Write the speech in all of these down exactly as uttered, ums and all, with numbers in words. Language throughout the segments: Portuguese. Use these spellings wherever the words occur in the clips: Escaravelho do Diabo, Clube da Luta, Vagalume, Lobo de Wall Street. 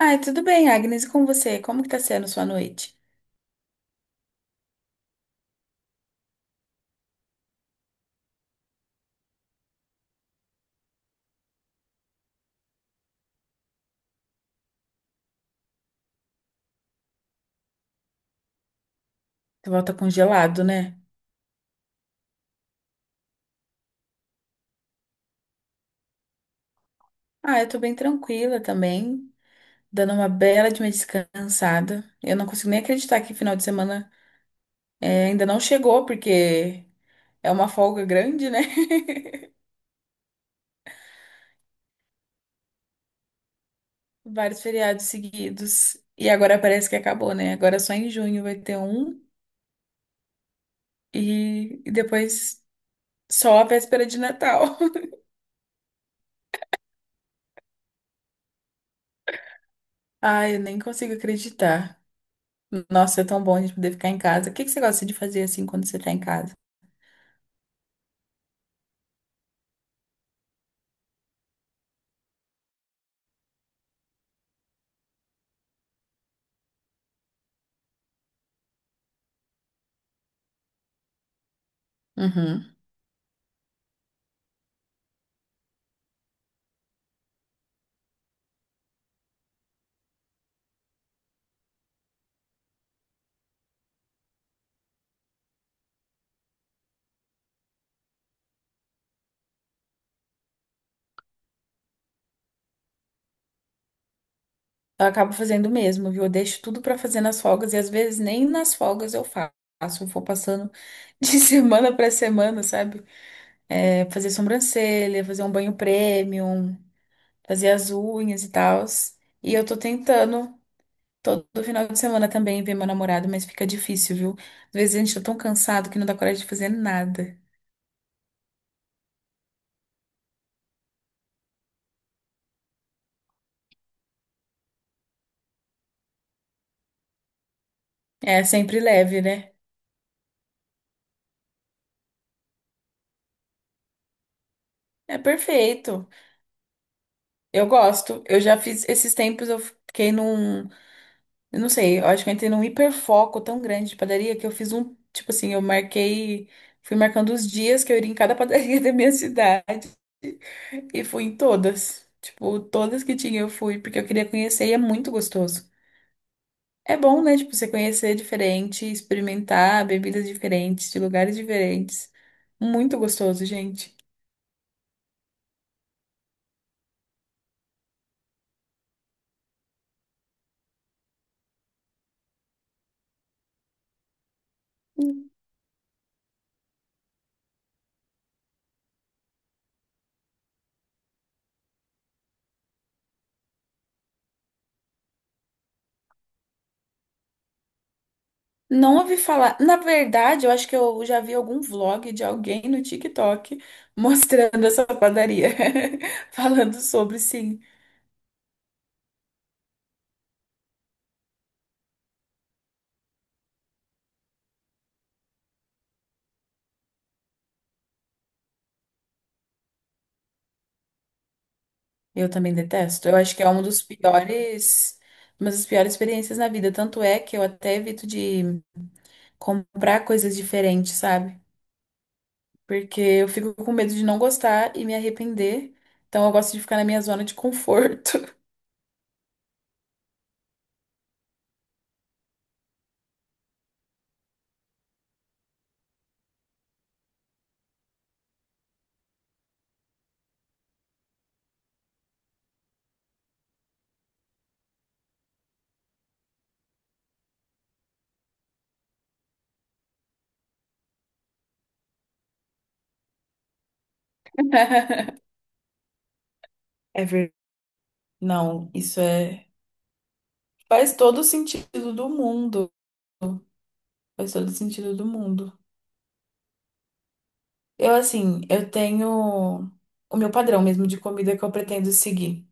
Ai, tudo bem, Agnes, e com você? Como que tá sendo sua noite? Tu volta congelado, né? Ah, eu tô bem tranquila também, dando uma bela de uma descansada. Eu não consigo nem acreditar que final de semana eh, ainda não chegou, porque é uma folga grande, né? Vários feriados seguidos. E agora parece que acabou, né? Agora só em junho vai ter um e, e depois só a véspera de Natal. Ai, eu nem consigo acreditar. Nossa, é tão bom a gente poder ficar em casa. O que que você gosta de fazer assim quando você tá em casa? Uhum. Eu acabo fazendo mesmo, viu? Eu deixo tudo pra fazer nas folgas e às vezes nem nas folgas eu faço. Eu vou passando de semana pra semana, sabe? É, fazer sobrancelha, fazer um banho premium, fazer as unhas e tal. E eu tô tentando todo final de semana também ver meu namorado, mas fica difícil, viu? Às vezes a gente tá tão cansado que não dá coragem de fazer nada. É sempre leve, né? É perfeito. Eu gosto. Eu já fiz esses tempos, eu fiquei num. Eu não sei, eu acho que eu entrei num hiperfoco tão grande de padaria que eu fiz um, tipo assim, eu marquei, fui marcando os dias que eu iria em cada padaria da minha cidade e fui em todas. Tipo, todas que tinha eu fui, porque eu queria conhecer e é muito gostoso. É bom, né? Tipo, você conhecer diferente, experimentar bebidas diferentes, de lugares diferentes. Muito gostoso, gente. Não ouvi falar. Na verdade, eu acho que eu já vi algum vlog de alguém no TikTok mostrando essa padaria, falando sobre sim. Eu também detesto. Eu acho que é uma dos piores, uma das piores experiências na vida. Tanto é que eu até evito de comprar coisas diferentes, sabe? Porque eu fico com medo de não gostar e me arrepender. Então eu gosto de ficar na minha zona de conforto. É verdade. Não, isso é. Faz todo o sentido do mundo. Faz todo sentido do mundo. Eu, assim, eu tenho o meu padrão mesmo de comida que eu pretendo seguir.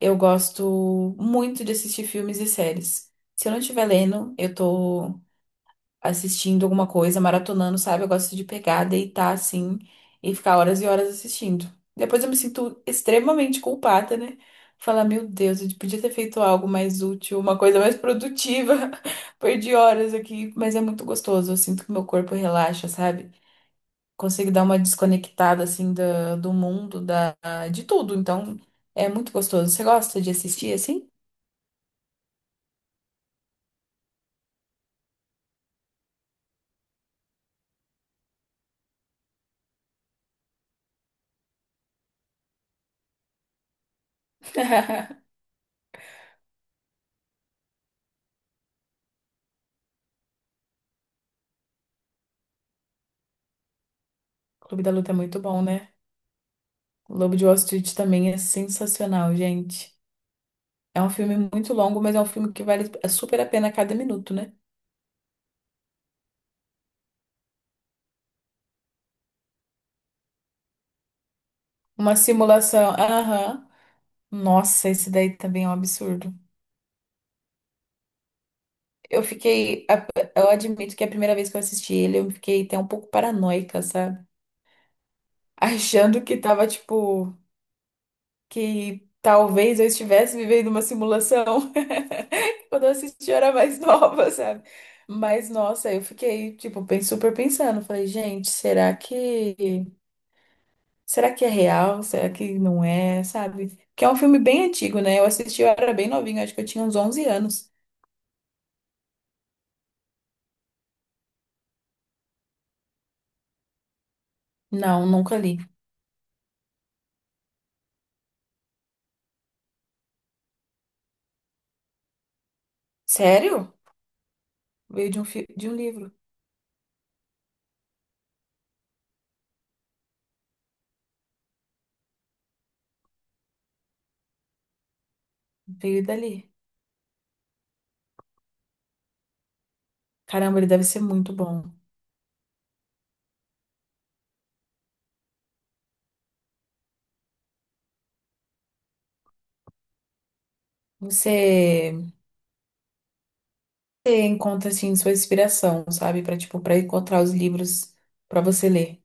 Eu gosto muito de assistir filmes e séries. Se eu não estiver lendo, eu tô assistindo alguma coisa, maratonando, sabe? Eu gosto de pegar, deitar assim e ficar horas e horas assistindo. Depois eu me sinto extremamente culpada, né? Falar, meu Deus, eu podia ter feito algo mais útil, uma coisa mais produtiva. Perdi horas aqui, mas é muito gostoso. Eu sinto que meu corpo relaxa, sabe? Consigo dar uma desconectada assim do, do mundo, da, de tudo. Então, é muito gostoso. Você gosta de assistir assim? Clube da Luta é muito bom, né? O Lobo de Wall Street também é sensacional, gente. É um filme muito longo, mas é um filme que vale super a pena a cada minuto, né? Uma simulação. Aham. Nossa, esse daí também é um absurdo. Eu fiquei. A- eu admito que a primeira vez que eu assisti ele, eu fiquei até um pouco paranoica, sabe? Achando que tava, tipo. Que talvez eu estivesse vivendo uma simulação quando eu assisti eu era mais nova, sabe? Mas nossa, eu fiquei tipo bem super pensando, falei, gente, será que será que é real? Será que não é, sabe? Que é um filme bem antigo, né? Eu assisti eu era bem novinha, acho que eu tinha uns onze anos. Não, nunca li. Sério? Veio de um fi... de um livro, veio dali. Caramba, ele deve ser muito bom. Você você encontra assim sua inspiração, sabe, para tipo para encontrar os livros para você ler.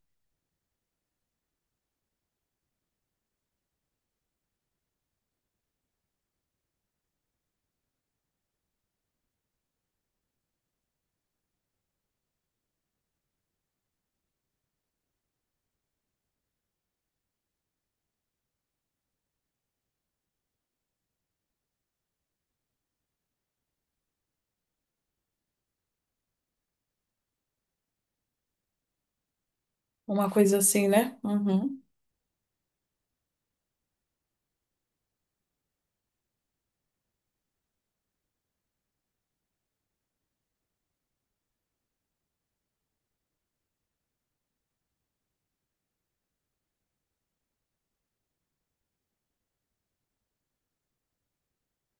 Uma coisa assim, né? Uhum.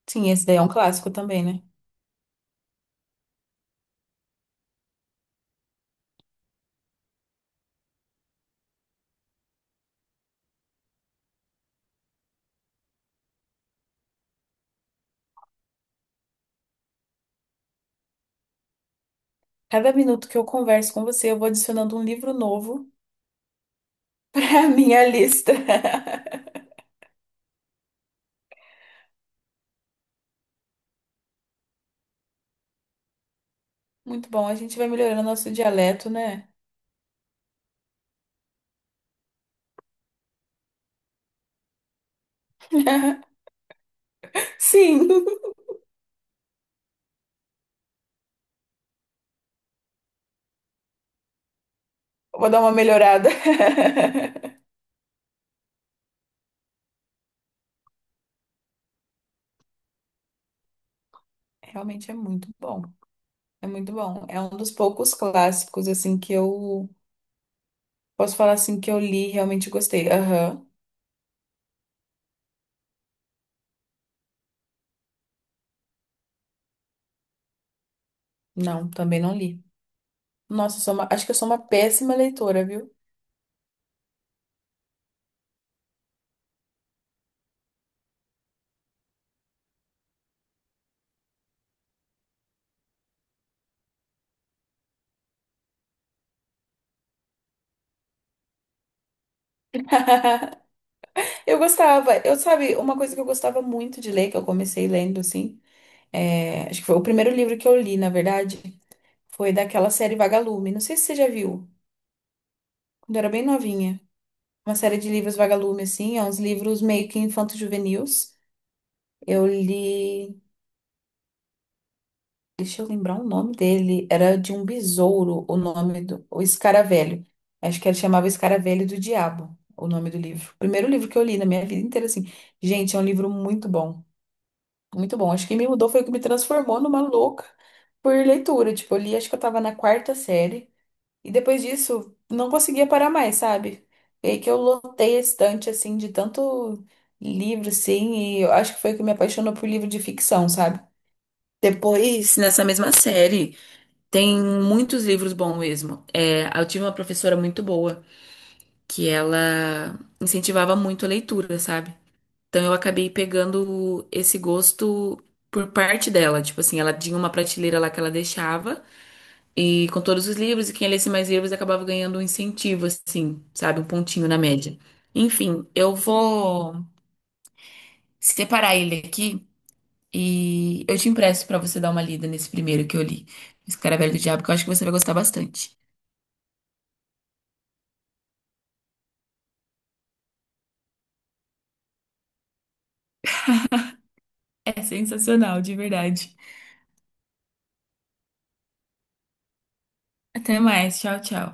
Sim, esse daí é um clássico também, né? Cada minuto que eu converso com você, eu vou adicionando um livro novo à minha lista. Muito bom, a gente vai melhorando nosso dialeto, né? Sim, vou dar uma melhorada. Realmente é muito bom. É muito bom. É um dos poucos clássicos assim que eu posso falar assim que eu li, e realmente gostei. Aham. Não, também não li. Nossa, eu sou uma- acho que eu sou uma péssima leitora, viu? Eu gostava, eu sabe, uma coisa que eu gostava muito de ler, que eu comecei lendo, assim, é, acho que foi o primeiro livro que eu li, na verdade, foi daquela série Vagalume. Não sei se você já viu, quando eu era bem novinha. Uma série de livros Vagalume, assim, é uns livros meio que infanto-juvenis. Eu li. Deixa eu lembrar o nome dele. Era de um besouro, o nome do. O Escaravelho. Acho que ele chamava Escaravelho do Diabo, o nome do livro. Primeiro livro que eu li na minha vida inteira, assim. Gente, é um livro muito bom. Muito bom. Acho que me mudou, foi o que me transformou numa louca por leitura. Tipo, eu li, acho que eu tava na quarta série. E depois disso, não conseguia parar mais, sabe? E aí que eu lotei a estante, assim, de tanto livro, assim. E eu acho que foi o que me apaixonou por livro de ficção, sabe? Depois, nessa mesma série. Tem muitos livros bons mesmo. É, eu tive uma professora muito boa que ela incentivava muito a leitura, sabe? Então eu acabei pegando esse gosto por parte dela. Tipo assim, ela tinha uma prateleira lá que ela deixava e com todos os livros, e quem lesse mais livros acabava ganhando um incentivo, assim, sabe? Um pontinho na média. Enfim, eu vou separar ele aqui e eu te empresto pra você dar uma lida nesse primeiro que eu li, Escaravelho do Diabo, que eu acho que você vai gostar bastante. É sensacional, de verdade. Até mais. Tchau, tchau.